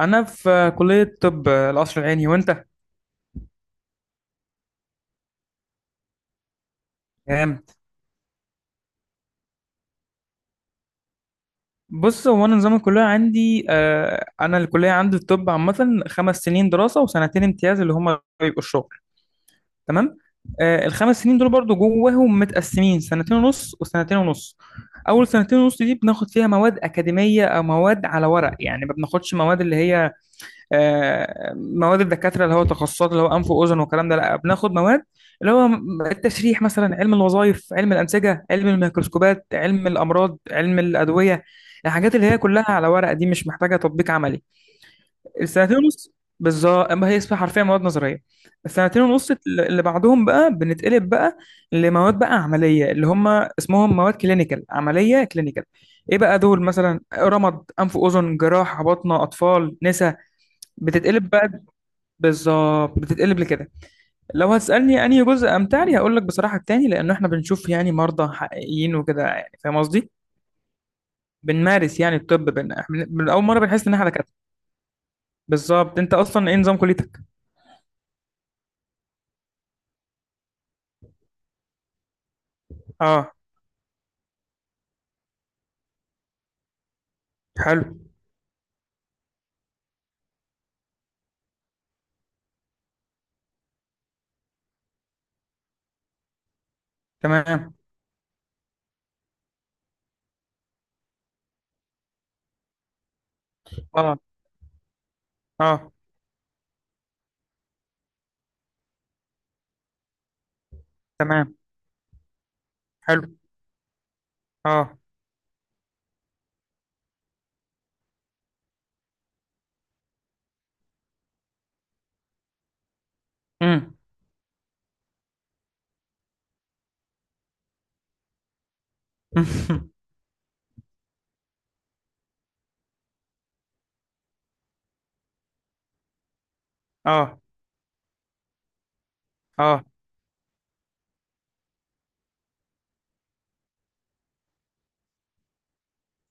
انا في كليه طب القصر العيني. وانت؟ تمام. بص، هو انا نظام الكليه عندي، انا الكليه عندي الطب عامه 5 سنين دراسه وسنتين امتياز، اللي هما بيبقوا الشغل. تمام. الخمس سنين دول برضو جواهم متقسمين سنتين ونص وسنتين ونص. اول سنتين ونص دي بناخد فيها مواد اكاديميه او مواد على ورق، يعني ما بناخدش مواد اللي هي مواد الدكاتره، اللي هو تخصصات، اللي هو انف واذن والكلام ده. لا بناخد مواد اللي هو التشريح مثلا، علم الوظائف، علم الانسجه، علم الميكروسكوبات، علم الامراض، علم الادويه. الحاجات اللي هي كلها على ورق دي مش محتاجه تطبيق عملي. السنتين ونص، بالظبط، ما هي اسمها حرفيا مواد نظريه. السنتين ونص اللي بعدهم بقى بنتقلب بقى لمواد بقى عمليه، اللي هم اسمهم مواد كلينيكال، عمليه كلينيكال. ايه بقى دول؟ مثلا رمد، انف واذن، جراحه، بطنه، اطفال، نسا. بتتقلب بقى. بالظبط، بتتقلب لكده. لو هتسألني أنهي جزء أمتع لي، هقول لك بصراحة التاني، لأنه إحنا بنشوف يعني مرضى حقيقيين وكده. يعني فاهم قصدي؟ بنمارس يعني الطب من أول مرة بنحس إن إحنا دكاترة. بالظبط. أنت أصلا إيه نظام كليتك؟ أه. حلو. تمام. أه. أه. تمام. حلو. أه. أمم. أه. أه.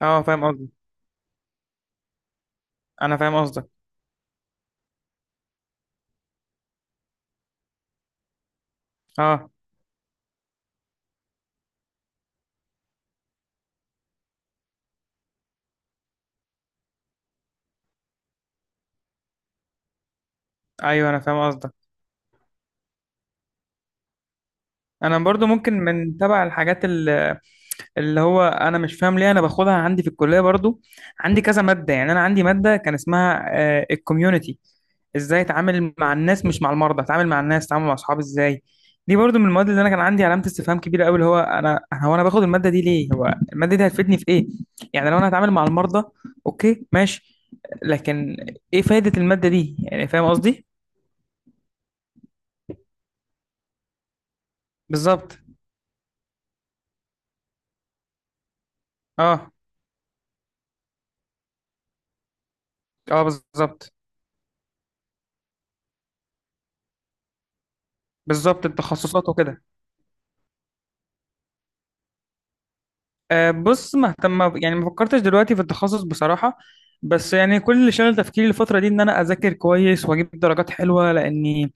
أه فاهم قصدي. أنا فاهم قصدك. أه. أيوه، أنا فاهم قصدك. أنا برضو ممكن من تبع الحاجات اللي هو انا مش فاهم ليه انا باخدها عندي في الكليه برضو. عندي كذا ماده. يعني انا عندي ماده كان اسمها الكوميونتي، ازاي اتعامل مع الناس مش مع المرضى، اتعامل مع الناس، اتعامل مع اصحابي ازاي. دي برضو من المواد اللي انا كان عندي علامه استفهام كبيره قوي، اللي هو انا باخد الماده دي ليه؟ هو الماده دي هتفيدني في ايه؟ يعني لو انا هتعامل مع المرضى، اوكي ماشي. لكن ايه فايده الماده دي؟ يعني فاهم قصدي. بالظبط. اه. اه. بالظبط. بالظبط، التخصصات وكده. أه، بص، مهتم. يعني ما فكرتش دلوقتي في التخصص بصراحة. بس يعني كل اللي شغل تفكيري الفترة دي إن أنا أذاكر كويس وأجيب درجات حلوة، لأني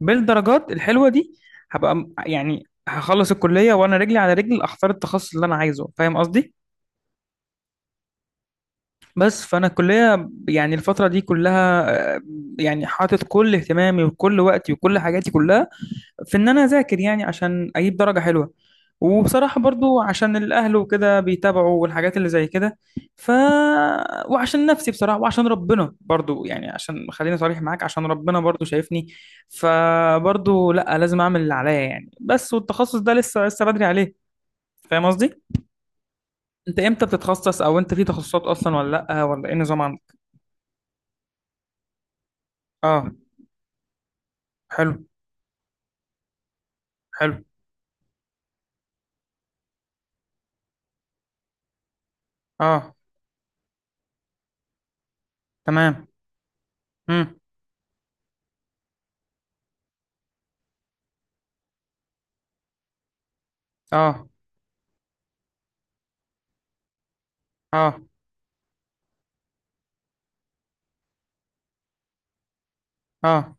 بالدرجات الحلوة دي هبقى يعني هخلص الكلية وأنا رجلي على رجل أختار التخصص اللي أنا عايزه. فاهم قصدي؟ بس فأنا الكلية يعني الفترة دي كلها، آه، يعني حاطط كل اهتمامي وكل وقتي وكل حاجاتي كلها في ان انا اذاكر، يعني عشان اجيب درجة حلوة. وبصراحة برضو عشان الاهل وكده بيتابعوا والحاجات اللي زي كده. ف. وعشان نفسي بصراحة، وعشان ربنا برضو. يعني عشان خليني صريح معاك، عشان ربنا برضو شايفني. فبرضو لا، لازم اعمل اللي عليا يعني. بس والتخصص ده لسه لسه بدري عليه. فاهم قصدي. انت امتى بتتخصص؟ او انت في تخصصات اصلا ولا لا؟ ولا ايه النظام عندك؟ اه. حلو. حلو. اه. تمام. امم. اه. اه. اه.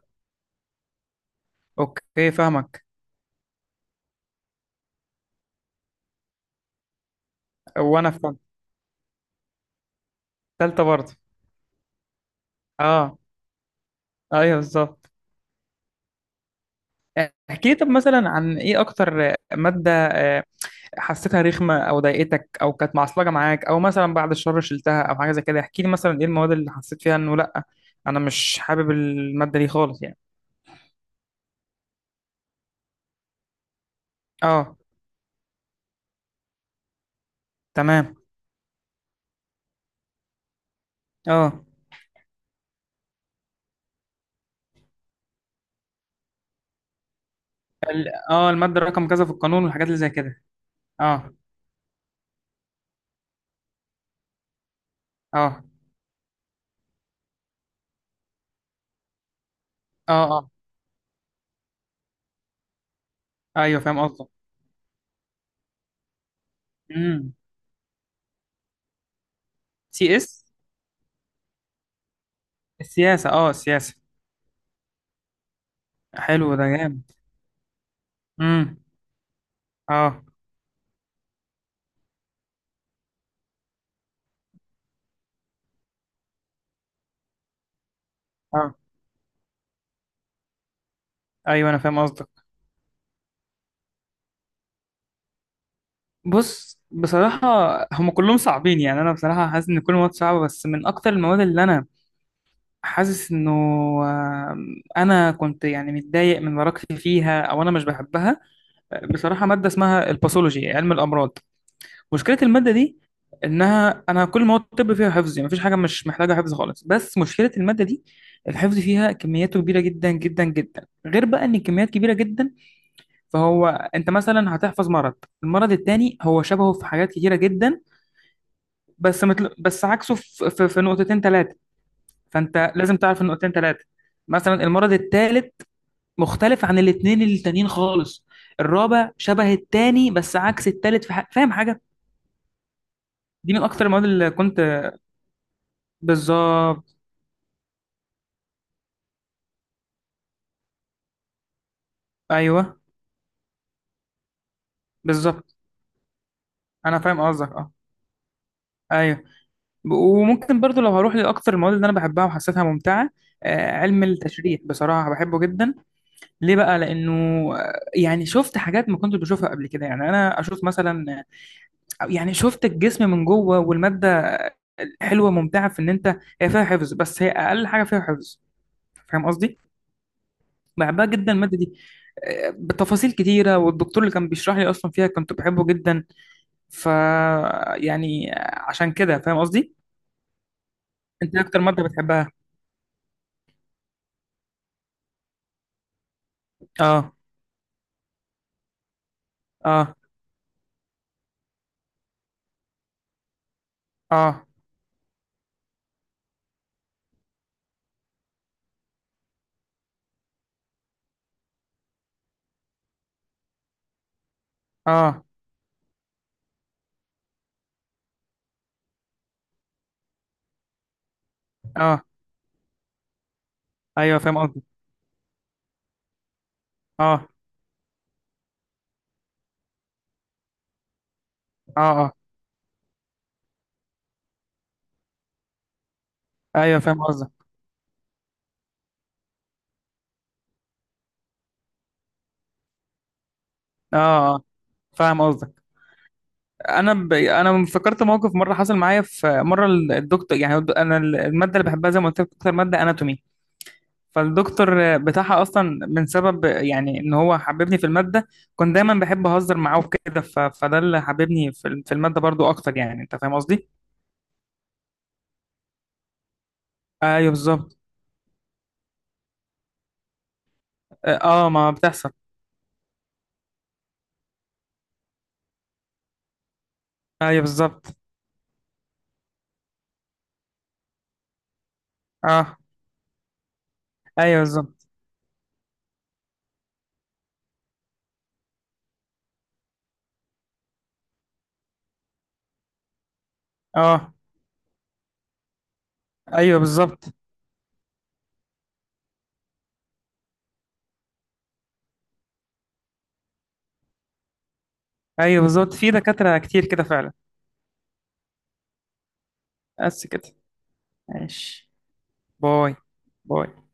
اوكي فاهمك. وانا فاهمك. تالتة برضه. اه. ايوه بالظبط. احكي لي طب مثلا عن ايه اكتر مادة حسيتها رخمة او ضايقتك او كانت معصلجة معاك، او مثلا بعد الشر شلتها، او حاجة زي كده. احكي لي مثلا ايه المواد اللي حسيت فيها انه لا، انا مش حابب المادة دي خالص يعني. اه. تمام. اه. اه المادة رقم كذا في القانون والحاجات اللي زي كده. اه. اه. اه. اه. ايوه فاهم قصدك. امم. سي اس. السياسة. اه السياسة. حلو، ده جامد. امم. اه. اه. ايوه انا فاهم قصدك. بص بصراحة، هم كلهم صعبين. يعني أنا بصراحة حاسس إن كل مواد صعبة، بس من أكتر المواد اللي أنا حاسس إنه أنا كنت يعني متضايق من مراكزي فيها أو أنا مش بحبها بصراحة، مادة اسمها الباثولوجي، علم الأمراض. مشكلة المادة دي إنها، أنا كل مواد الطب فيها حفظ، يعني مفيش حاجة مش محتاجة حفظ خالص، بس مشكلة المادة دي الحفظ فيها كمياته كبيرة جدا جدا جدا. غير بقى إن الكميات كبيرة جدا، فهو أنت مثلا هتحفظ مرض، المرض التاني هو شبهه في حاجات كتيرة جدا. بس عكسه في نقطتين ثلاثة. فأنت لازم تعرف النقطتين ثلاثة. مثلا المرض الثالث مختلف عن الاثنين التانيين خالص. الرابع شبه التاني بس عكس التالت في فاهم حاجة؟ دي من أكتر المواد اللي كنت. بالظبط. أيوه بالظبط. أنا فاهم قصدك. أه. أيوه. وممكن برضو لو هروح لأكتر المواد اللي أنا بحبها وحسيتها ممتعة، علم التشريح بصراحة بحبه جدا. ليه بقى؟ لأنه يعني شفت حاجات ما كنتش بشوفها قبل كده. يعني أنا أشوف مثلا، يعني شفت الجسم من جوه. والمادة حلوة ممتعة، في إن أنت هي فيها حفظ بس هي أقل حاجة فيها حفظ. فاهم قصدي؟ بحبها جدا المادة دي. بتفاصيل كتيرة، والدكتور اللي كان بيشرح لي أصلا فيها كنت بحبه جدا. ف. يعني عشان كده فاهم قصدي؟ أنت إيه أكتر مادة بتحبها؟ آه. آه. آه. آه. آه. أيوه فاهم قصدي. آه. آه. آه. أيوه فاهم قصدك. آه. آه. فاهم قصدك. انا انا فكرت موقف مره حصل معايا. في مره الدكتور، يعني انا الماده اللي بحبها زي ما قلت لك اكتر ماده اناتومي، فالدكتور بتاعها اصلا من سبب يعني ان هو حببني في الماده. كنت دايما بحب اهزر معاه وكده. فده اللي حببني في في الماده برضو اكتر. يعني انت فاهم قصدي. ايوه بالظبط. اه ما بتحصل. ايوه بالظبط. اه. ايوه بالظبط. اه. ايوه بالظبط. ايوه بالظبط، في دكاتره كتير كده فعلا. بس كده. ماشي. باي. باي.